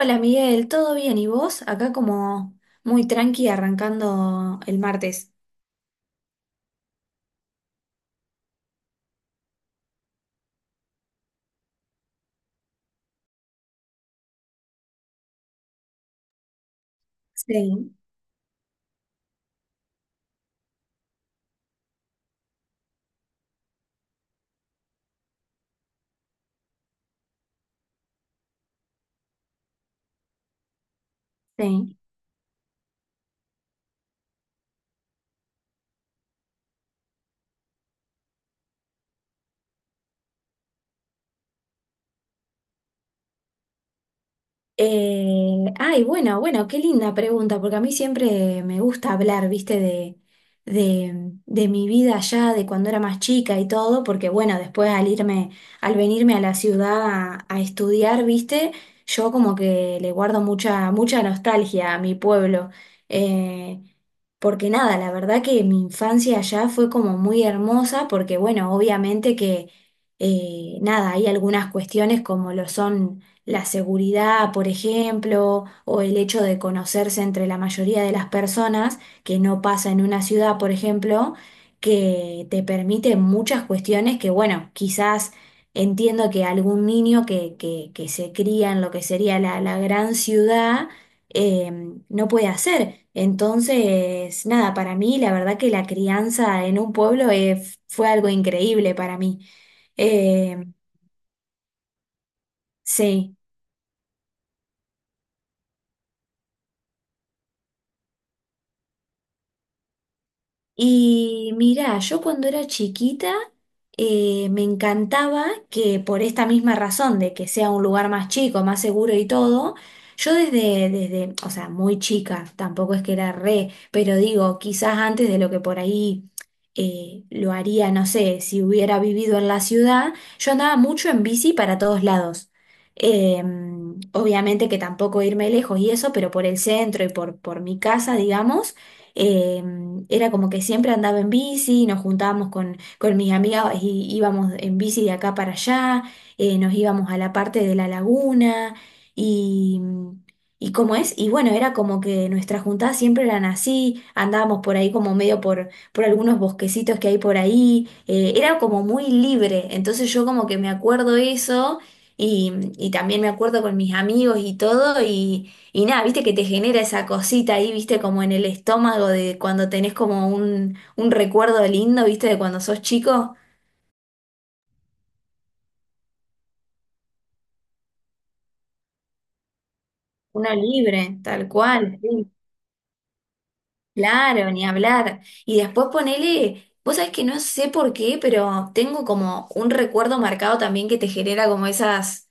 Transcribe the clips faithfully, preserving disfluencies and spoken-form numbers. Hola Miguel, ¿todo bien? ¿Y vos? Acá como muy tranqui arrancando el martes. Sí, sí. Eh, ay, bueno, bueno, qué linda pregunta, porque a mí siempre me gusta hablar, viste, de, de, de mi vida allá, de cuando era más chica y todo, porque bueno, después al irme, al venirme a la ciudad a, a estudiar, viste, yo como que le guardo mucha, mucha nostalgia a mi pueblo. Eh, Porque nada, la verdad que mi infancia allá fue como muy hermosa, porque bueno, obviamente que eh, nada, hay algunas cuestiones como lo son. La seguridad, por ejemplo, o el hecho de conocerse entre la mayoría de las personas, que no pasa en una ciudad, por ejemplo, que te permite muchas cuestiones que, bueno, quizás entiendo que algún niño que, que- que se cría en lo que sería la, la gran ciudad, eh, no puede hacer. Entonces, nada, para mí la verdad que la crianza en un pueblo eh, fue algo increíble para mí. Eh, sí. Y mirá, yo cuando era chiquita eh, me encantaba que por esta misma razón de que sea un lugar más chico, más seguro y todo, yo desde, desde, o sea, muy chica, tampoco es que era re, pero digo, quizás antes de lo que por ahí eh, lo haría, no sé, si hubiera vivido en la ciudad, yo andaba mucho en bici para todos lados. Eh, obviamente que tampoco irme lejos y eso, pero por el centro y por, por mi casa, digamos. Eh, era como que siempre andaba en bici, nos juntábamos con, con mis amigas y íbamos en bici de acá para allá, eh, nos íbamos a la parte de la laguna. Y, y cómo es, y bueno, era como que nuestras juntadas siempre eran así, andábamos por ahí como medio por, por algunos bosquecitos que hay por ahí, eh, era como muy libre, entonces yo como que me acuerdo eso. Y, y también me acuerdo con mis amigos y todo, y nada, viste que te genera esa cosita ahí, viste, como en el estómago de cuando tenés como un, un recuerdo lindo, viste, de cuando sos chico, uno libre, tal cual. Sí. Claro, ni hablar. Y después ponele, vos sabés que no sé por qué, pero tengo como un recuerdo marcado también que te genera como esas,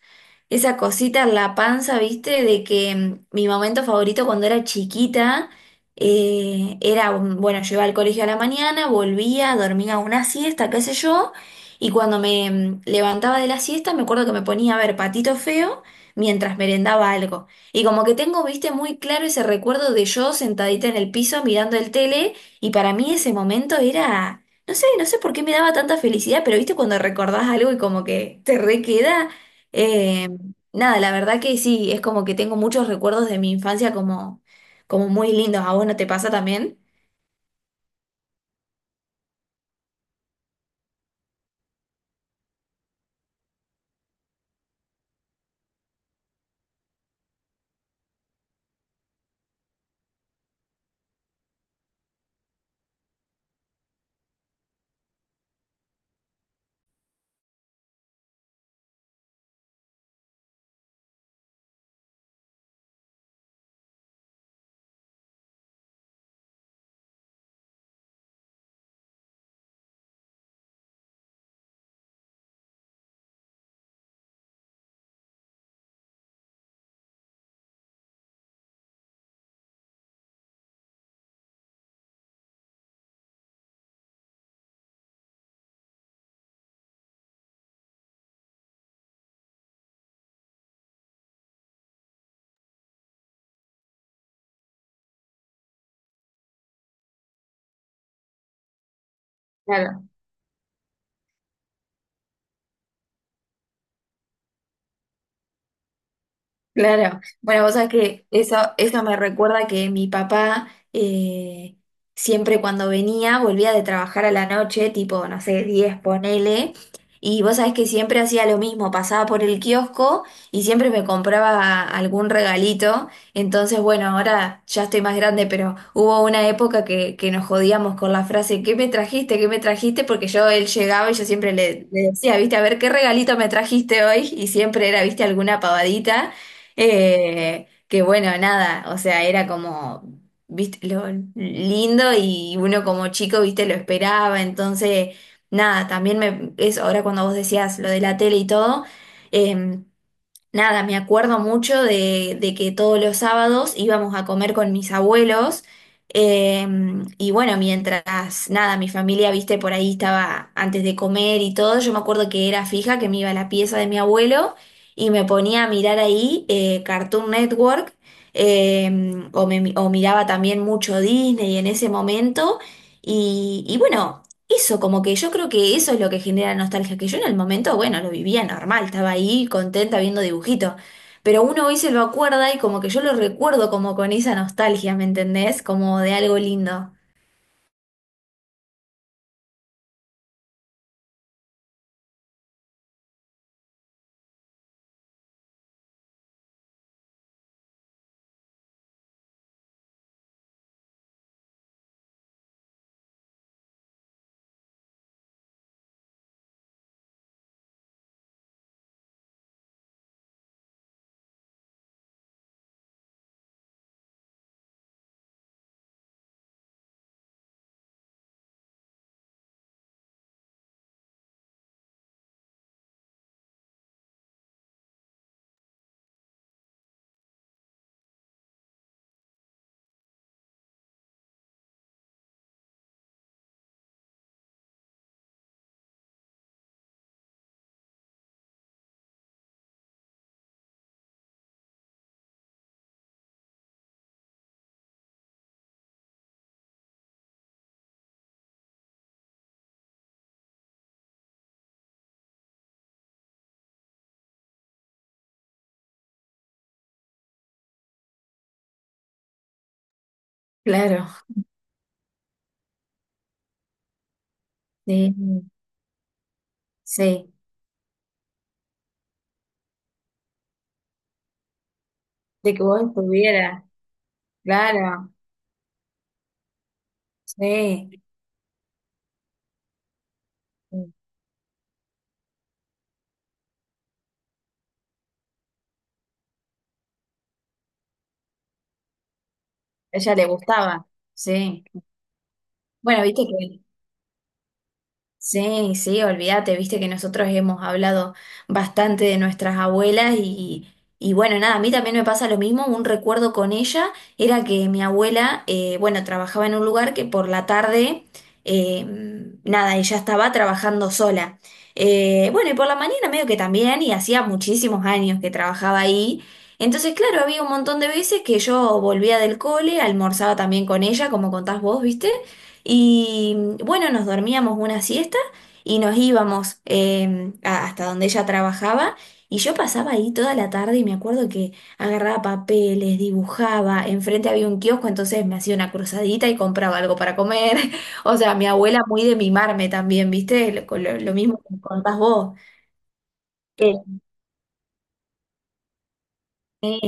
esa cosita en la panza, ¿viste? De que mm, mi momento favorito cuando era chiquita eh, era, mm, bueno, yo iba al colegio a la mañana, volvía, dormía una siesta, qué sé yo, y cuando me mm, levantaba de la siesta me acuerdo que me ponía a ver Patito Feo mientras merendaba algo. Y como que tengo, viste, muy claro ese recuerdo de yo sentadita en el piso mirando el tele, y para mí ese momento era, no sé, no sé por qué me daba tanta felicidad, pero viste cuando recordás algo y como que te requeda, eh, nada, la verdad que sí, es como que tengo muchos recuerdos de mi infancia como, como, muy lindos. ¿A vos no te pasa también? Claro, bueno, vos sabés que eso, eso me recuerda que mi papá eh, siempre cuando venía volvía de trabajar a la noche, tipo, no sé, diez ponele, y vos sabés que siempre hacía lo mismo, pasaba por el kiosco y siempre me compraba algún regalito, entonces bueno, ahora ya estoy más grande, pero hubo una época que, que nos jodíamos con la frase, ¿qué me trajiste? ¿Qué me trajiste? Porque yo, él llegaba y yo siempre le, le decía, viste, a ver, ¿qué regalito me trajiste hoy? Y siempre era, viste, alguna pavadita. Eh, que bueno, nada, o sea, era como, viste, lo lindo y uno como chico, viste, lo esperaba, entonces, nada, también me, es ahora cuando vos decías lo de la tele y todo, em, nada, me acuerdo mucho de, de que todos los sábados íbamos a comer con mis abuelos, eh, y bueno, mientras nada, mi familia, viste, por ahí estaba antes de comer y todo, yo me acuerdo que era fija, que me iba a la pieza de mi abuelo y me ponía a mirar ahí eh, Cartoon Network, eh, o, me- o miraba también mucho Disney en ese momento y, y bueno. Eso, como que yo creo que eso es lo que genera nostalgia, que yo en el momento, bueno, lo vivía normal, estaba ahí contenta viendo dibujitos, pero uno hoy se lo acuerda y como que yo lo recuerdo como con esa nostalgia, ¿me entendés? Como de algo lindo. Claro, sí, sí, de que vos estuvieras, claro, sí, a ella le gustaba, sí. Bueno, viste que sí, sí, olvídate, viste que nosotros hemos hablado bastante de nuestras abuelas, y, y bueno, nada, a mí también me pasa lo mismo, un recuerdo con ella era que mi abuela, eh, bueno, trabajaba en un lugar que por la tarde, eh, nada, ella estaba trabajando sola. Eh, bueno, y por la mañana medio que también, y hacía muchísimos años que trabajaba ahí. Entonces, claro, había un montón de veces que yo volvía del cole, almorzaba también con ella, como contás vos, ¿viste? Y bueno, nos dormíamos una siesta y nos íbamos eh, a- hasta donde ella trabajaba, y yo pasaba ahí toda la tarde y me acuerdo que agarraba papeles, dibujaba, enfrente había un kiosco, entonces me hacía una cruzadita y compraba algo para comer. O sea, mi abuela muy de mimarme también, ¿viste? Lo, lo- lo mismo que contás vos. Eh,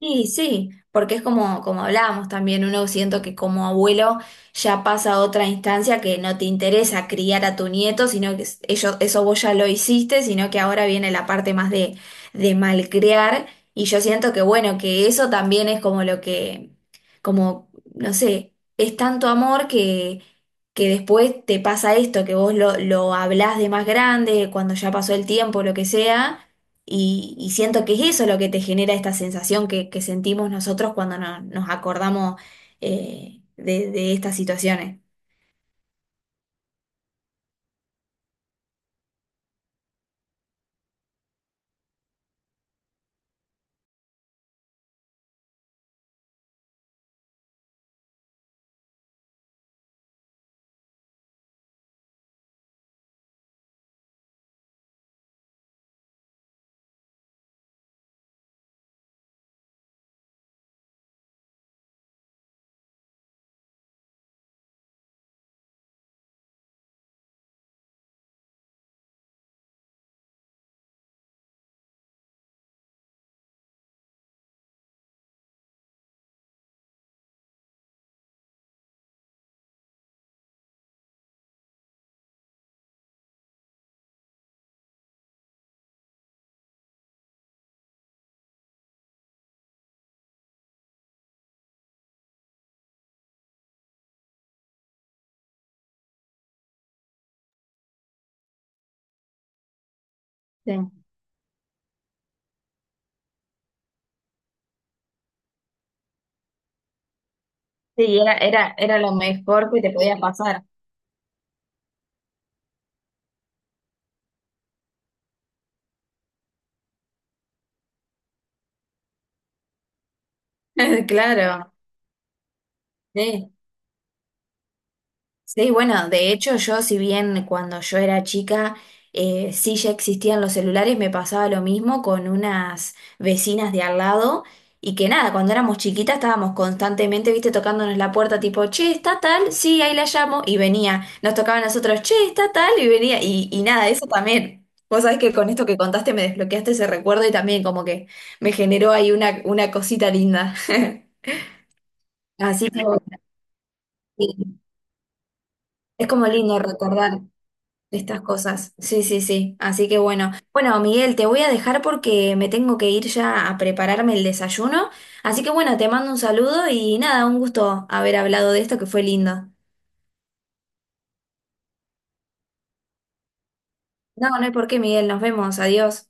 Sí, sí, porque es como, como, hablábamos también, uno siento que como abuelo ya pasa a otra instancia, que no te interesa criar a tu nieto, sino que es- ellos, eso vos ya lo hiciste, sino que ahora viene la parte más de, de malcriar, y yo siento que bueno, que eso también es como lo que, como, no sé, es tanto amor que, que después te pasa esto, que vos lo, lo hablás de más grande, cuando ya pasó el tiempo, lo que sea, y, y siento que es eso lo que te genera esta sensación que, que sentimos nosotros cuando no- nos acordamos, eh, de, de estas situaciones. Sí. Sí, era, era, era lo mejor que te podía pasar. Claro, sí. Sí, bueno, de hecho yo, si bien cuando yo era chica, eh, sí, ya existían los celulares, me pasaba lo mismo con unas vecinas de al lado, y que nada, cuando éramos chiquitas estábamos constantemente, viste, tocándonos la puerta tipo, che, está tal, sí, ahí la llamo y venía, nos tocaban a nosotros, che, está tal y venía, y, y nada, eso también. Vos sabés que con esto que contaste me desbloqueaste ese recuerdo y también como que me generó ahí una, una cosita linda. Así que sí, es como lindo recordar de estas cosas. Sí, sí, sí. Así que bueno. Bueno, Miguel, te voy a dejar porque me tengo que ir ya a prepararme el desayuno. Así que bueno, te mando un saludo y nada, un gusto haber hablado de esto que fue lindo. No, no hay por qué, Miguel. Nos vemos. Adiós.